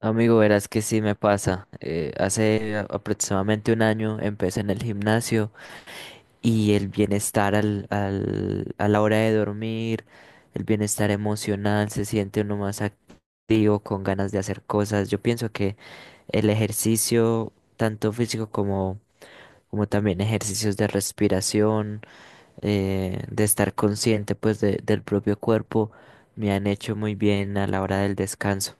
Amigo, verás que sí me pasa. Hace aproximadamente un año empecé en el gimnasio y el bienestar a la hora de dormir, el bienestar emocional, se siente uno más activo, con ganas de hacer cosas. Yo pienso que el ejercicio, tanto físico como también ejercicios de respiración, de estar consciente pues del propio cuerpo, me han hecho muy bien a la hora del descanso.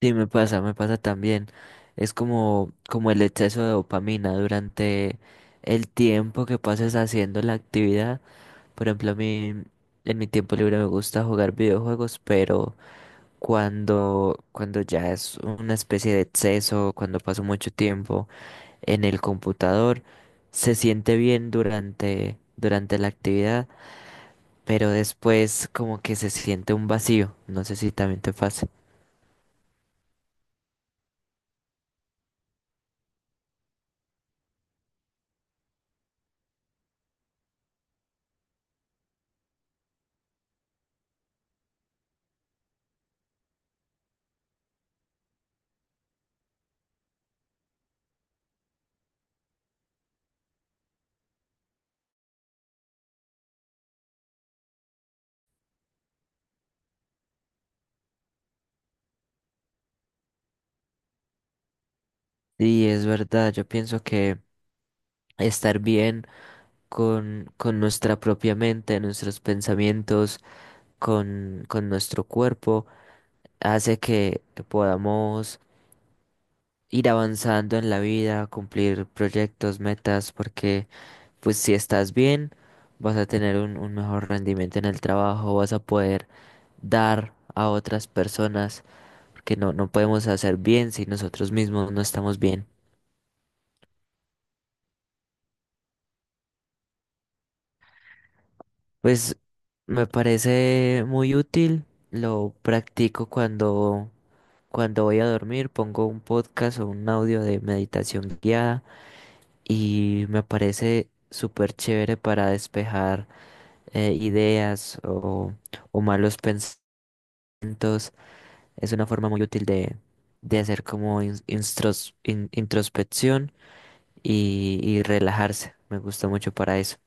Sí, me pasa también. Como el exceso de dopamina durante el tiempo que pases haciendo la actividad. Por ejemplo, a mí en mi tiempo libre me gusta jugar videojuegos, pero cuando ya es una especie de exceso, cuando paso mucho tiempo en el computador, se siente bien durante la actividad, pero después como que se siente un vacío. No sé si también te pasa. Sí, es verdad, yo pienso que estar bien con nuestra propia mente, nuestros pensamientos, con nuestro cuerpo, hace que podamos ir avanzando en la vida, cumplir proyectos, metas, porque pues si estás bien, vas a tener un mejor rendimiento en el trabajo, vas a poder dar a otras personas, porque no, no podemos hacer bien si nosotros mismos no estamos bien. Pues me parece muy útil, lo practico cuando voy a dormir, pongo un podcast o un audio de meditación guiada y me parece súper chévere para despejar ideas o malos pensamientos. Es una forma muy útil de hacer como introspección y relajarse. Me gusta mucho para eso.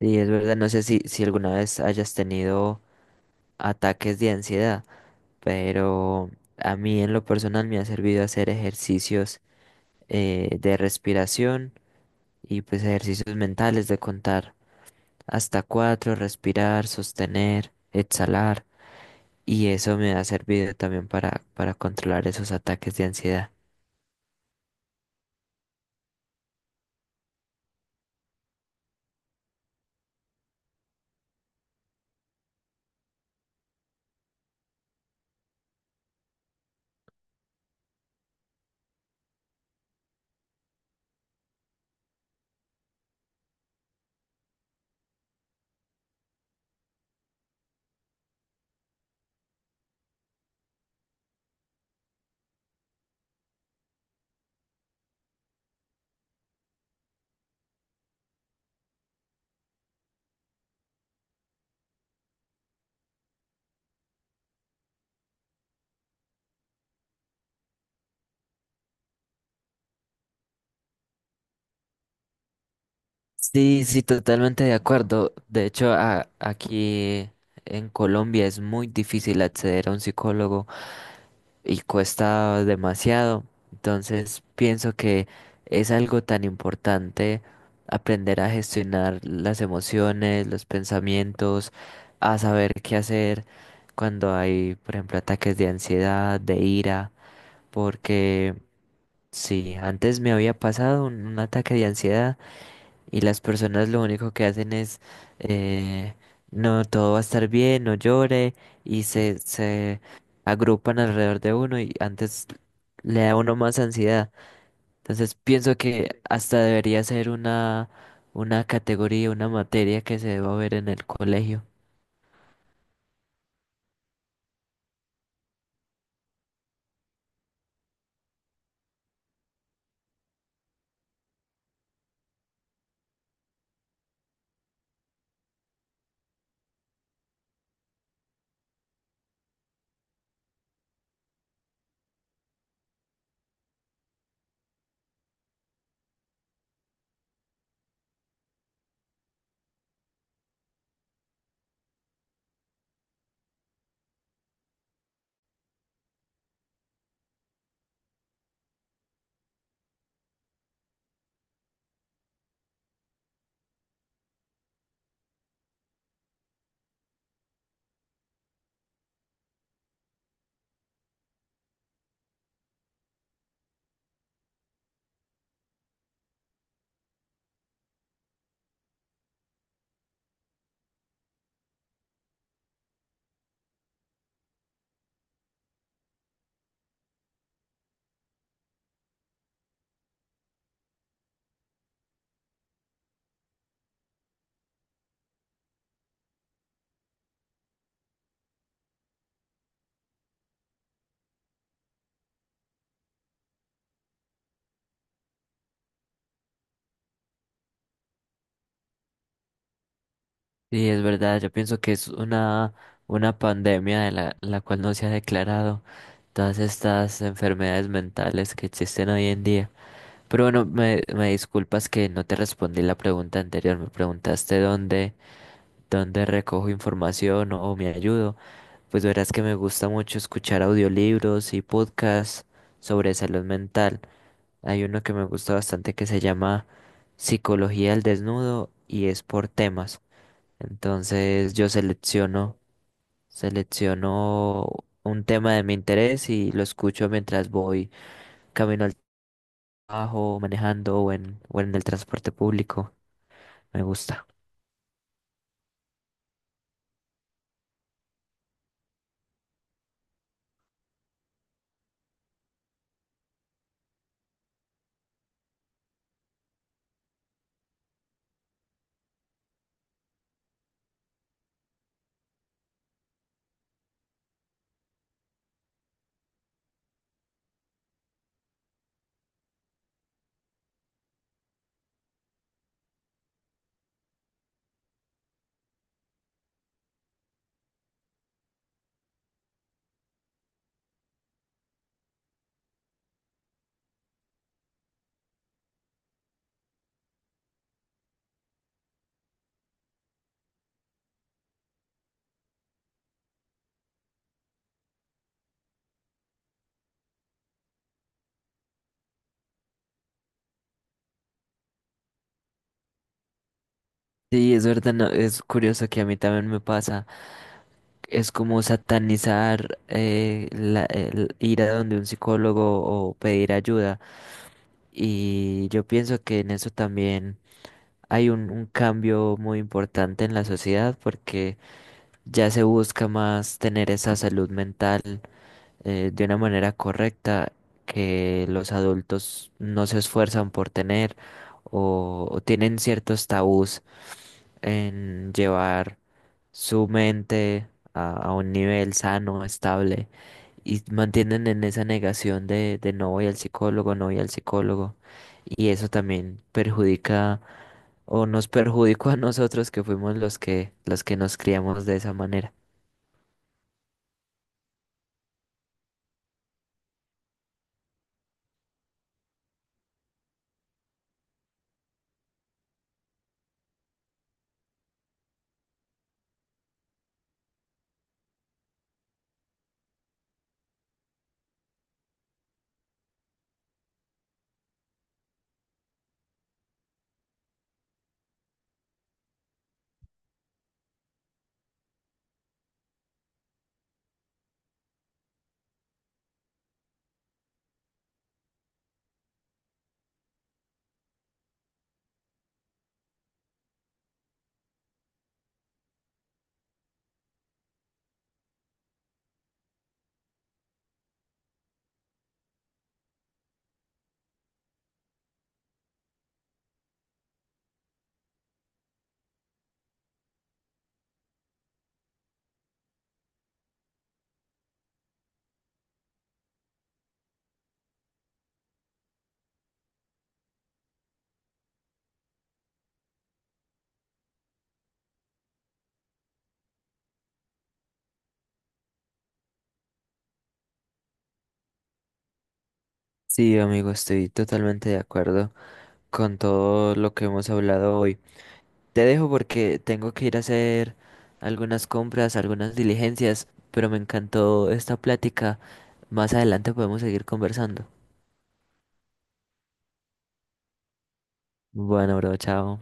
Y es verdad, no sé si, si alguna vez hayas tenido ataques de ansiedad, pero a mí en lo personal me ha servido hacer ejercicios de respiración y pues ejercicios mentales de contar hasta cuatro, respirar, sostener, exhalar y eso me ha servido también para controlar esos ataques de ansiedad. Sí, sí, totalmente de acuerdo. De hecho, aquí en Colombia es muy difícil acceder a un psicólogo y cuesta demasiado. Entonces pienso que es algo tan importante aprender a gestionar las emociones, los pensamientos, a saber qué hacer cuando hay, por ejemplo, ataques de ansiedad, de ira, porque sí, antes me había pasado un ataque de ansiedad y las personas lo único que hacen es, eh, no, todo va a estar bien, no llore y se agrupan alrededor de uno y antes le da a uno más ansiedad. Entonces pienso que hasta debería ser una categoría, una materia que se deba ver en el colegio. Y es verdad, yo pienso que es una pandemia de la cual no se ha declarado todas estas enfermedades mentales que existen hoy en día. Pero bueno, me disculpas que no te respondí la pregunta anterior. Me preguntaste dónde recojo información o me ayudo. Pues verás que me gusta mucho escuchar audiolibros y podcasts sobre salud mental. Hay uno que me gusta bastante que se llama Psicología al Desnudo y es por temas. Entonces yo selecciono, selecciono un tema de mi interés y lo escucho mientras voy camino al trabajo, manejando o en el transporte público. Me gusta. Sí, es verdad, no, es curioso que a mí también me pasa. Es como satanizar el ir a donde un psicólogo o pedir ayuda. Y yo pienso que en eso también hay un cambio muy importante en la sociedad porque ya se busca más tener esa salud mental de una manera correcta que los adultos no se esfuerzan por tener o tienen ciertos tabús en llevar su mente a un nivel sano, estable y mantienen en esa negación de no voy al psicólogo, no voy al psicólogo y eso también perjudica o nos perjudicó a nosotros que fuimos los que nos criamos de esa manera. Sí, amigo, estoy totalmente de acuerdo con todo lo que hemos hablado hoy. Te dejo porque tengo que ir a hacer algunas compras, algunas diligencias, pero me encantó esta plática. Más adelante podemos seguir conversando. Bueno, bro, chao.